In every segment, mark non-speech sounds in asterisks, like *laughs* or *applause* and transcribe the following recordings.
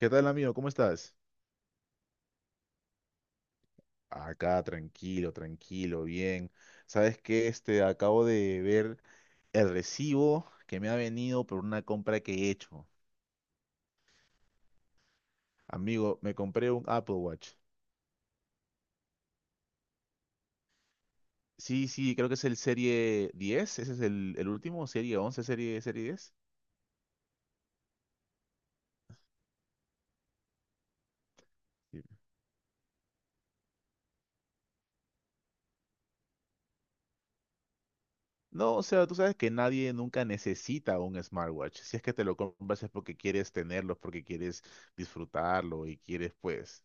¿Qué tal, amigo? ¿Cómo estás? Acá, tranquilo, tranquilo, bien. ¿Sabes qué? Acabo de ver el recibo que me ha venido por una compra que he hecho. Amigo, me compré un Apple Watch. Sí, sí, creo que es el Serie 10. Ese es el último, Serie 11, Serie 10. Sí. No, o sea, tú sabes que nadie nunca necesita un smartwatch. Si es que te lo compras es porque quieres tenerlo, porque quieres disfrutarlo y quieres, pues,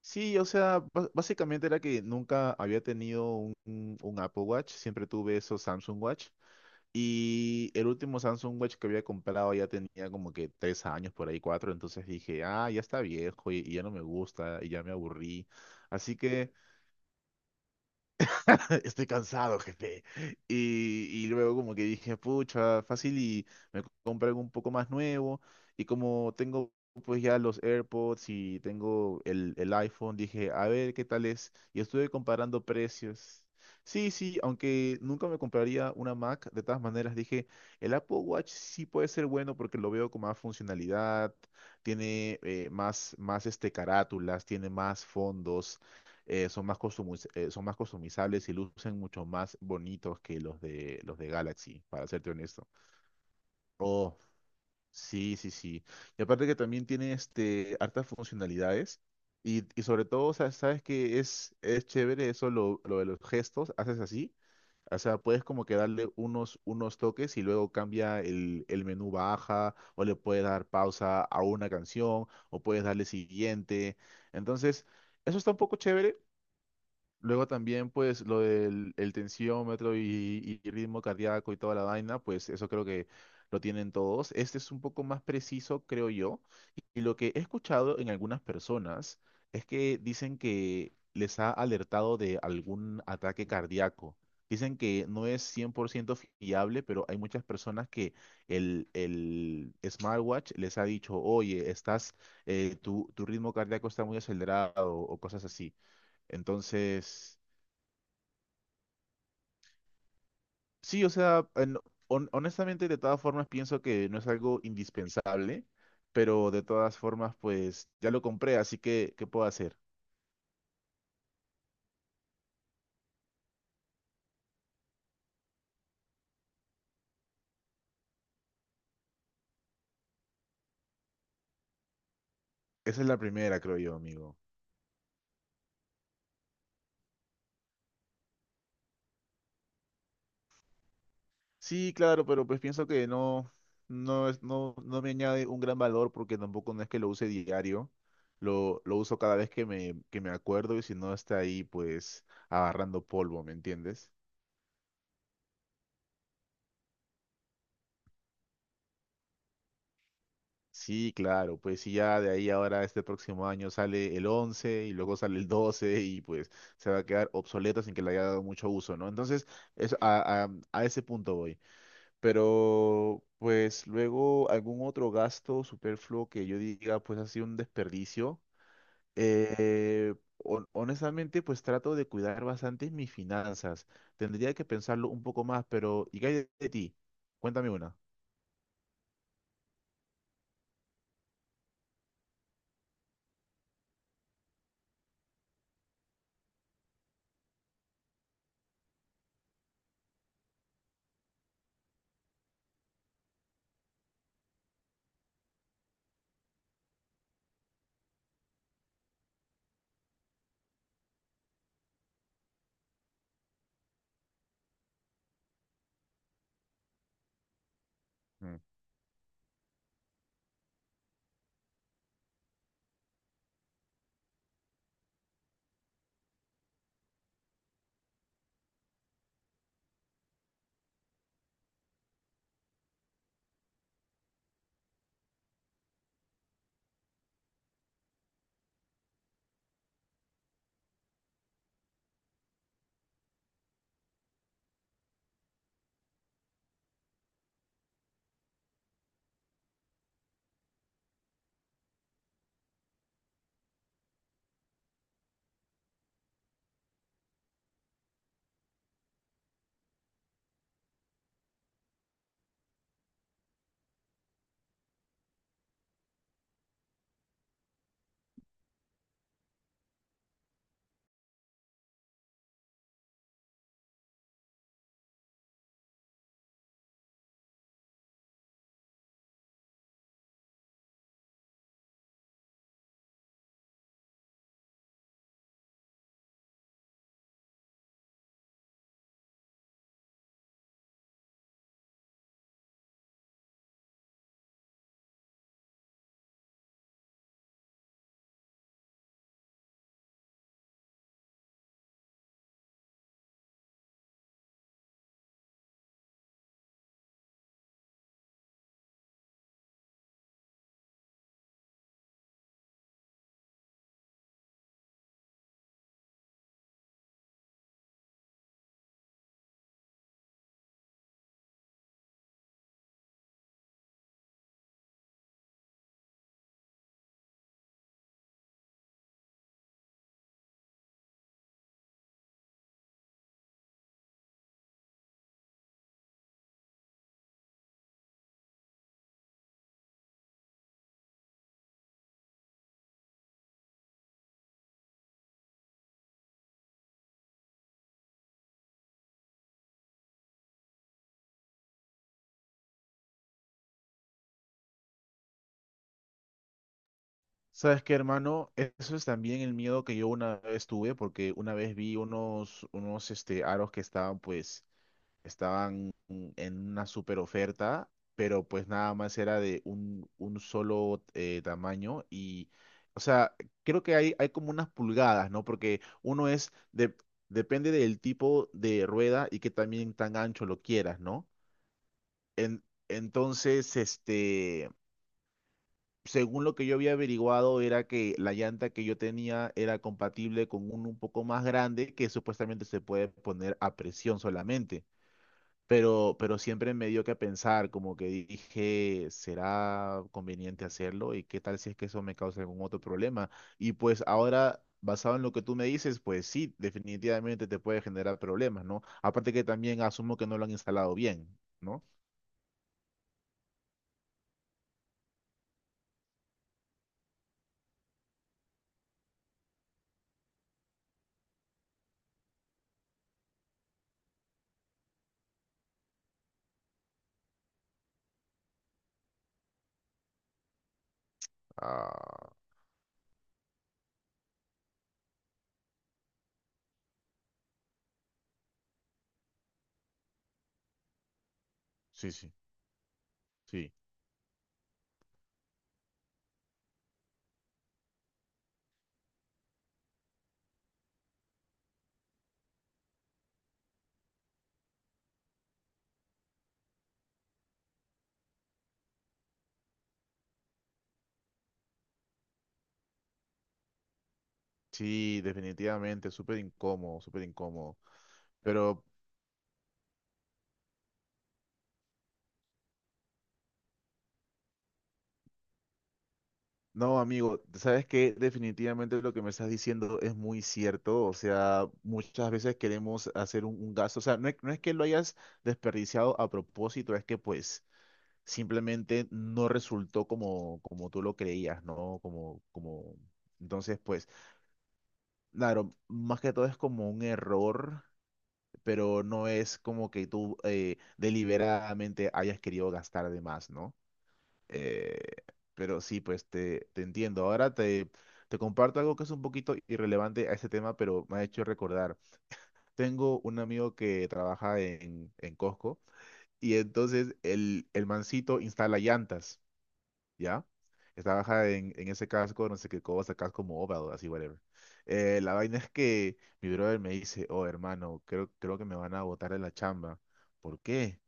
sí, o sea, básicamente era que nunca había tenido un Apple Watch, siempre tuve esos Samsung Watch. Y el último Samsung Watch que había comprado ya tenía como que 3 años, por ahí cuatro, entonces dije, ah, ya está viejo y ya no me gusta y ya me aburrí. Así que *laughs* estoy cansado, jefe. Y luego como que dije, pucha, fácil y me compré algo un poco más nuevo. Y como tengo pues ya los AirPods y tengo el iPhone, dije, a ver qué tal es. Y estuve comparando precios. Sí, sí, aunque nunca me compraría una Mac, de todas maneras dije, el Apple Watch sí puede ser bueno porque lo veo con más funcionalidad, tiene más carátulas, tiene más fondos, son más customizables y lucen mucho más bonitos que los de Galaxy, para serte honesto. Oh, sí, sí, sí. Y aparte que también tiene este hartas funcionalidades. Y sobre todo, o sea, sabes que es chévere eso, lo de los gestos, haces así. O sea, puedes como que darle unos toques y luego cambia el menú baja, o le puedes dar pausa a una canción, o puedes darle siguiente. Entonces, eso está un poco chévere. Luego también, pues, lo del el tensiómetro y ritmo cardíaco y toda la vaina, pues eso creo que lo tienen todos. Este es un poco más preciso, creo yo. Y lo que he escuchado en algunas personas es que dicen que les ha alertado de algún ataque cardíaco. Dicen que no es 100% fiable, pero hay muchas personas que el smartwatch les ha dicho, oye, estás, tu ritmo cardíaco está muy acelerado o cosas así. Entonces, sí, o sea, honestamente de todas formas pienso que no es algo indispensable, pero de todas formas pues ya lo compré, así que ¿qué puedo hacer? Esa es la primera, creo yo, amigo. Sí, claro, pero pues pienso que no, no es, no, no me añade un gran valor porque tampoco no es que lo use diario, lo uso cada vez que me acuerdo y si no está ahí pues agarrando polvo, ¿me entiendes? Sí, claro, pues sí, ya de ahí ahora este próximo año sale el 11 y luego sale el 12 y pues se va a quedar obsoleto sin que le haya dado mucho uso, ¿no? Entonces, eso, a ese punto voy. Pero pues luego algún otro gasto superfluo que yo diga pues ha sido un desperdicio. Honestamente pues trato de cuidar bastante mis finanzas. Tendría que pensarlo un poco más, pero ¿y qué hay de ti? Cuéntame una. ¿Sabes qué, hermano? Eso es también el miedo que yo una vez tuve, porque una vez vi unos, unos aros que estaban, pues, estaban en una super oferta, pero pues nada más era de un solo, tamaño y, o sea, creo que hay como unas pulgadas, ¿no? Porque uno es, de, depende del tipo de rueda y que también tan ancho lo quieras, ¿no? En, entonces, según lo que yo había averiguado, era que la llanta que yo tenía era compatible con uno un poco más grande que supuestamente se puede poner a presión solamente. Pero siempre me dio que pensar, como que dije, ¿será conveniente hacerlo? ¿Y qué tal si es que eso me causa algún otro problema? Y pues ahora, basado en lo que tú me dices, pues sí, definitivamente te puede generar problemas, ¿no? Aparte que también asumo que no lo han instalado bien, ¿no? Ah, sí, sí, sí. Sí, definitivamente, súper incómodo, súper incómodo. Pero no, amigo, ¿sabes qué? Definitivamente lo que me estás diciendo es muy cierto. O sea, muchas veces queremos hacer un gasto. O sea, no es, que lo hayas desperdiciado a propósito, es que pues simplemente no resultó como tú lo creías, ¿no? Como, como... Entonces, pues, claro, más que todo es como un error, pero no es como que tú, deliberadamente hayas querido gastar de más, ¿no? Eh, pero sí, pues te, entiendo. Ahora te comparto algo que es un poquito irrelevante a este tema, pero me ha hecho recordar. Tengo un amigo que trabaja en, Costco y entonces el mancito instala llantas. ¿Ya? Estaba en ese casco, no sé qué cosa, casco mobile, así, whatever. La vaina es que mi brother me dice, oh, hermano, creo que me van a botar de la chamba. ¿Por qué?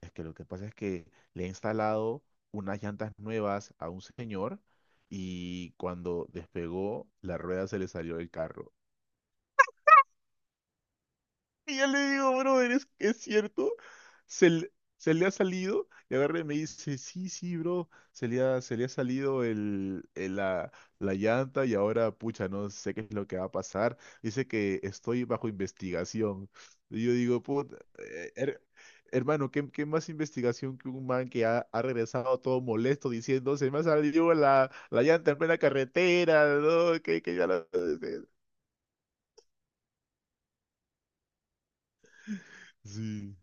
Es que lo que pasa es que le he instalado unas llantas nuevas a un señor y cuando despegó, la rueda se le salió del carro. Y yo le digo, brother, es cierto. Se, le- Se le ha salido. Y agarra y me dice, sí, sí, bro. Se le ha salido la llanta y ahora, pucha, no sé qué es lo que va a pasar. Dice que estoy bajo investigación. Y yo digo, eh, her- Hermano, ¿qué, más investigación que un man que ha regresado todo molesto diciendo, se me ha salido la llanta en plena carretera, ¿no? Que ya la... *laughs* Sí.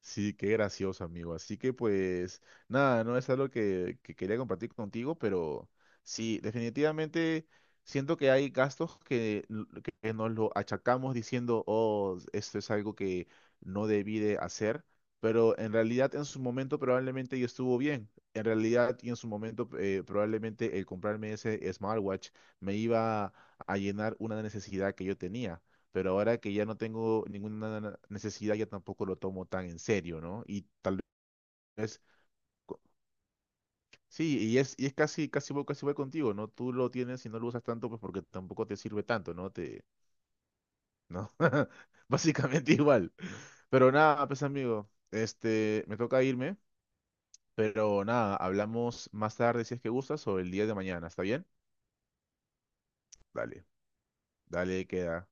Sí, qué gracioso, amigo. Así que pues nada, no es algo que quería compartir contigo, pero sí, definitivamente siento que hay gastos que, que nos lo achacamos diciendo, oh, esto es algo que no debí de hacer, pero en realidad en su momento probablemente yo estuvo bien. En realidad y en su momento, probablemente el comprarme ese smartwatch me iba a llenar una necesidad que yo tenía, pero ahora que ya no tengo ninguna necesidad, ya tampoco lo tomo tan en serio, ¿no? Y tal vez, co- sí, y es, casi, casi voy contigo, ¿no? Tú lo tienes y no lo usas tanto, pues porque tampoco te sirve tanto, ¿no? Te, ¿no? *laughs* Básicamente igual. Pero nada, pues amigo, me toca irme, pero nada, hablamos más tarde si es que gustas o el día de mañana, ¿está bien? Dale, dale, queda.